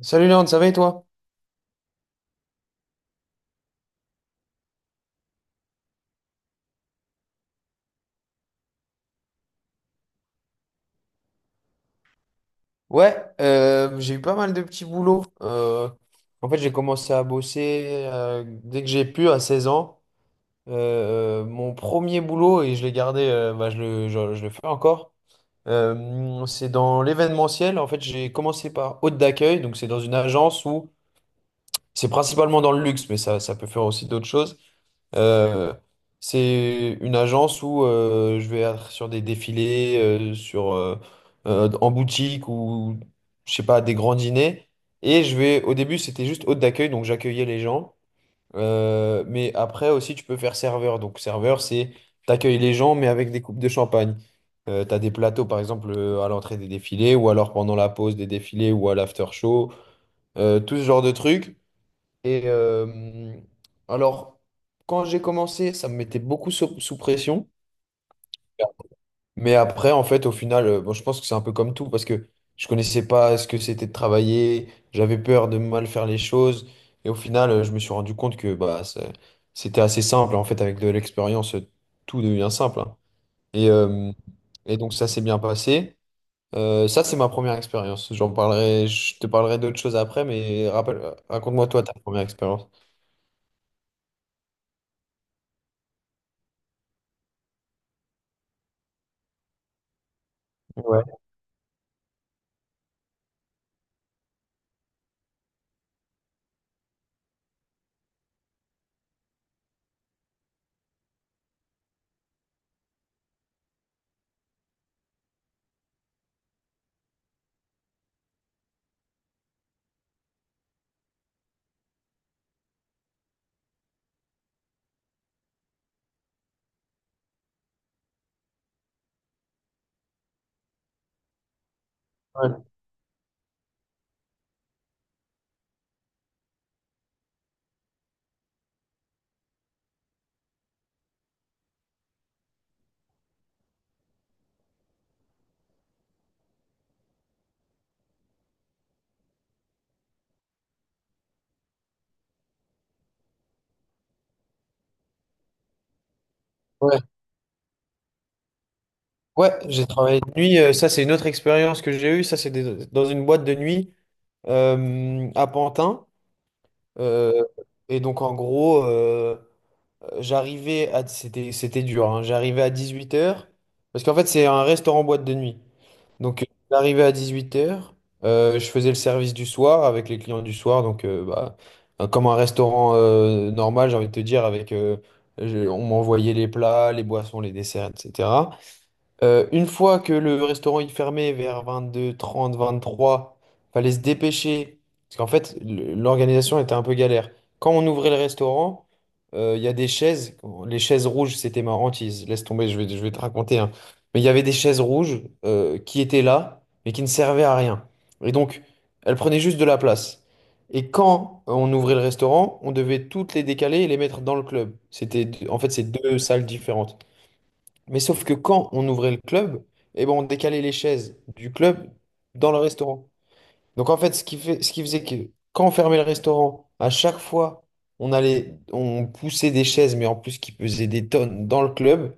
Salut Léon, ça va et toi? Ouais, j'ai eu pas mal de petits boulots. En fait, j'ai commencé à bosser dès que j'ai pu, à 16 ans. Mon premier boulot, et je l'ai gardé, je le fais encore, c'est dans l'événementiel. En fait, j'ai commencé par hôte d'accueil, donc c'est dans une agence où c'est principalement dans le luxe, mais ça peut faire aussi d'autres choses. Euh, c'est une agence où je vais être sur des défilés, en boutique ou, je sais pas, des grands dîners. Et au début, c'était juste hôte d'accueil, donc j'accueillais les gens. Mais après aussi, tu peux faire serveur. Donc, serveur, c'est t'accueilles les gens, mais avec des coupes de champagne. T'as des plateaux, par exemple, à l'entrée des défilés, ou alors pendant la pause des défilés, ou à l'after show. Tout ce genre de trucs. Et alors, quand j'ai commencé, ça me mettait beaucoup sous pression. Mais après, en fait, au final, bon, je pense que c'est un peu comme tout parce que je connaissais pas ce que c'était de travailler, j'avais peur de mal faire les choses. Et au final, je me suis rendu compte que c'était assez simple. En fait, avec de l'expérience, tout devient simple, hein. Et, euh, et donc, ça s'est bien passé. Ça, c'est ma première expérience. Je te parlerai d'autres choses après, mais raconte-moi toi ta première expérience. Ouais. Ouais. Ouais, j'ai travaillé de nuit. Ça, c'est une autre expérience que j'ai eue. Dans une boîte de nuit à Pantin. Euh, et donc, en gros, j'arrivais à... C'était, c'était dur, hein. J'arrivais à 18h. Parce qu'en fait, c'est un restaurant boîte de nuit. Donc, j'arrivais à 18h. Je faisais le service du soir avec les clients du soir. Donc, comme un restaurant normal, j'ai envie de te dire, avec... on m'envoyait les plats, les boissons, les desserts, etc. Une fois que le restaurant il fermait vers 22, 30, 23, fallait se dépêcher. Parce qu'en fait, l'organisation était un peu galère. Quand on ouvrait le restaurant, il y a des chaises. Les chaises rouges, c'était ma hantise. Laisse tomber, je vais te raconter, hein. Mais il y avait des chaises rouges qui étaient là, mais qui ne servaient à rien. Et donc, elles prenaient juste de la place. Et quand on ouvrait le restaurant, on devait toutes les décaler et les mettre dans le club. En fait, c'est deux salles différentes. Mais sauf que quand on ouvrait le club, eh ben on décalait les chaises du club dans le restaurant. Donc en fait, ce qui faisait que quand on fermait le restaurant, à chaque fois, on poussait des chaises, mais en plus qui pesaient des tonnes dans le club.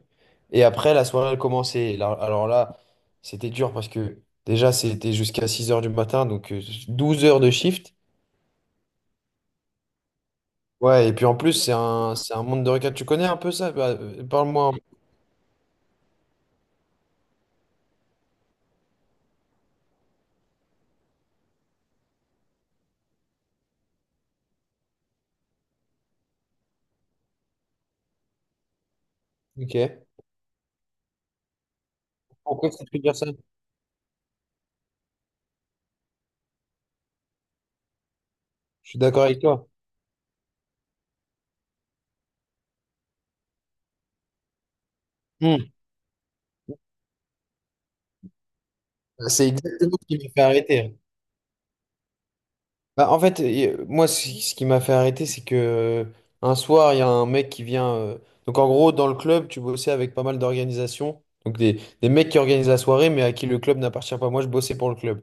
Et après, la soirée, elle commençait. Alors là, c'était dur parce que déjà, c'était jusqu'à 6 heures du matin, donc 12 heures de shift. Ouais, et puis en plus, c'est un monde de regard. Tu connais un peu ça? Bah, parle-moi. Ok. Pourquoi tu te dire ça? Je suis d'accord avec toi. Hmm. C'est exactement ce qui m'a fait arrêter. Bah, en fait, moi, ce qui m'a fait arrêter, c'est que un soir, il y a un mec qui vient. Donc, en gros, dans le club, tu bossais avec pas mal d'organisations. Donc, des mecs qui organisent la soirée, mais à qui le club n'appartient pas. Moi, je bossais pour le club.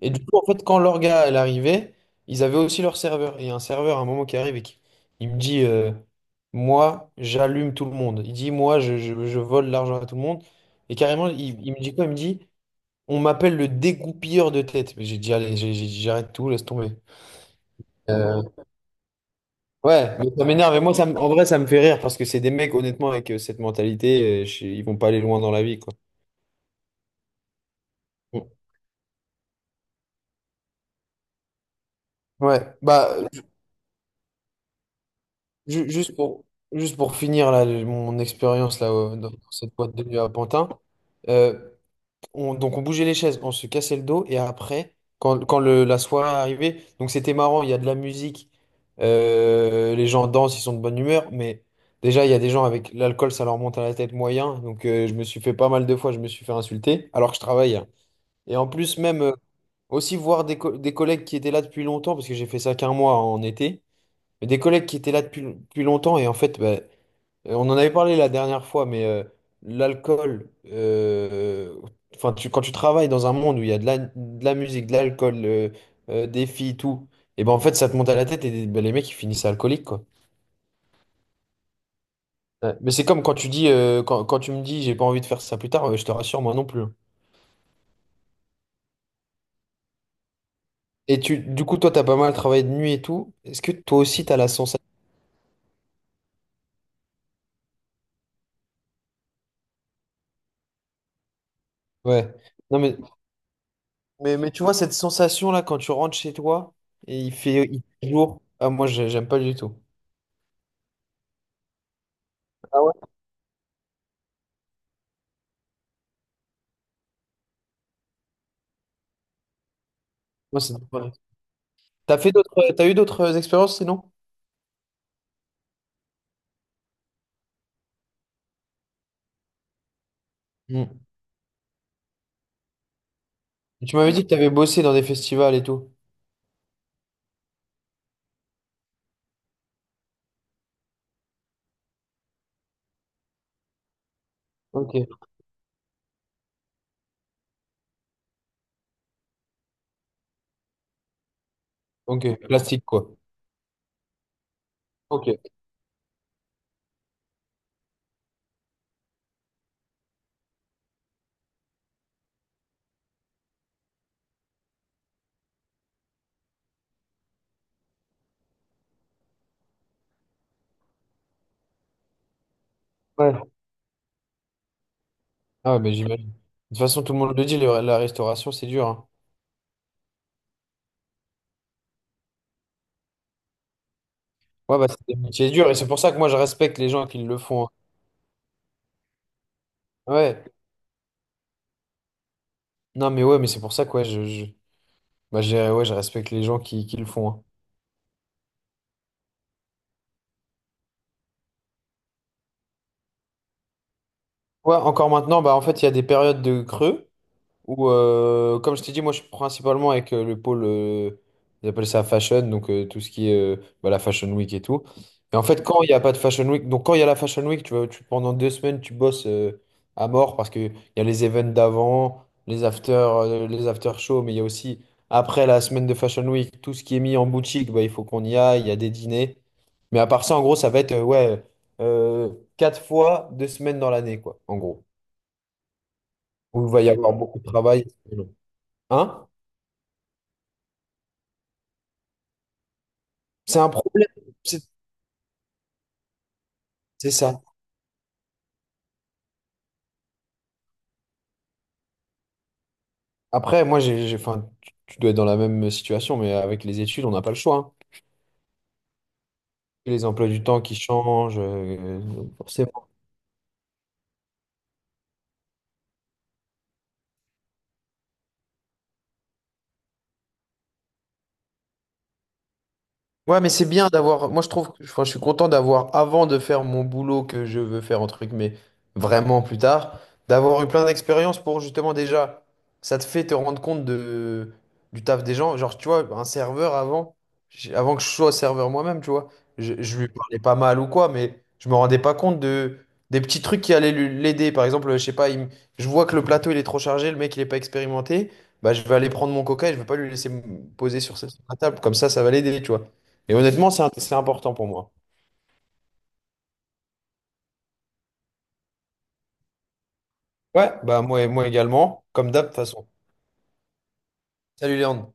Et du coup, en fait, quand l'orga, elle arrivait, ils avaient aussi leur serveur. Et il y a un serveur, à un moment, qui arrive et qui il me dit moi, j'allume tout le monde. Il dit moi, je vole l'argent à tout le monde. Et carrément, il me dit quoi? Il me dit. On m'appelle le dégoupilleur de tête. Mais j'ai dit, allez, j'ai dit, j'arrête tout, laisse tomber. Euh, ouais, mais ça m'énerve. Et moi, en vrai, ça me fait rire parce que c'est des mecs, honnêtement, avec cette mentalité, ils vont pas aller loin dans la vie, quoi. Mm. Ouais, bah, ju- juste pour, juste pour finir là, mon expérience là, dans cette boîte de nuit à Pantin. euh, donc on bougeait les chaises, on se cassait le dos et après, quand la soirée arrivait, donc c'était marrant, il y a de la musique, les gens dansent, ils sont de bonne humeur, mais déjà il y a des gens avec l'alcool, ça leur monte à la tête moyen, donc je me suis fait pas mal de fois, je me suis fait insulter alors que je travaille, hein. Et en plus même aussi voir des collègues qui étaient là depuis longtemps, parce que j'ai fait ça qu'un mois en été, mais des collègues qui étaient là depuis longtemps et en fait, on en avait parlé la dernière fois, mais l'alcool, enfin, quand tu travailles dans un monde où il y a de de la musique, de l'alcool, des filles, tout, et ben en fait, ça te monte à la tête et ben, les mecs, ils finissent alcooliques, quoi. Ouais. Mais c'est comme quand tu dis, quand tu me dis, j'ai pas envie de faire ça plus tard, je te rassure, moi non plus, hein. Et toi, t'as pas mal travaillé de nuit et tout. Est-ce que toi aussi, t'as la sensation? Ouais. Non, mais tu vois, cette sensation-là, quand tu rentres chez toi et il fait jour, ah, moi, j'aime pas du tout. Ah ouais? Moi, c'est T'as fait d'autres, t'as eu d'autres expériences sinon? Mm. Tu m'avais dit que t'avais bossé dans des festivals et tout. Ok. Ok, plastique quoi. Ok. Ouais. Ah ouais, mais j'imagine. De toute façon, tout le monde le dit, la restauration, c'est dur, hein. Ouais, bah c'est des métiers durs et c'est pour ça que moi je respecte les gens qui le font, hein. Ouais. Non, mais ouais, mais c'est pour ça que ouais, ouais, je respecte les gens qui le font, hein. Ouais, encore maintenant, bah en fait, il y a des périodes de creux. Ou comme je t'ai dit, moi je suis principalement avec le pôle, ils appellent ça fashion, donc tout ce qui est bah, la Fashion Week et tout. Et en fait, quand il n'y a pas de Fashion Week, donc quand il y a la Fashion Week, tu vois, pendant 2 semaines, tu bosses à mort parce qu'il y a les events d'avant, les after shows, mais il y a aussi après la semaine de Fashion Week, tout ce qui est mis en boutique, bah, il faut qu'on y aille, il y a des dîners. Mais à part ça, en gros, ça va être euh, 4 fois 2 semaines dans l'année, quoi, en gros, où il va y avoir beaucoup de travail. Hein? C'est un problème, c'est c'est ça. Après, moi, enfin, tu dois être dans la même situation, mais avec les études, on n'a pas le choix, hein. Les emplois du temps qui changent, forcément. Ouais, mais c'est bien d'avoir. Moi, je trouve que enfin, je suis content d'avoir, avant de faire mon boulot que je veux faire, entre guillemets, vraiment plus tard, d'avoir eu plein d'expériences pour justement déjà. Ça te fait te rendre compte de, du taf des gens. Genre, tu vois, un serveur avant, avant que je sois serveur moi-même, tu vois, je lui parlais pas mal ou quoi, mais je me rendais pas compte de, des petits trucs qui allaient l'aider. Par exemple, je sais pas, je vois que le plateau il est trop chargé, le mec il est pas expérimenté. Bah, je vais aller prendre mon coca et je vais pas lui laisser me poser sur la table. Comme ça va l'aider, tu vois. Et honnêtement, c'est important pour moi. Ouais, bah moi, moi également, comme d'hab de toute façon. Salut Léandre.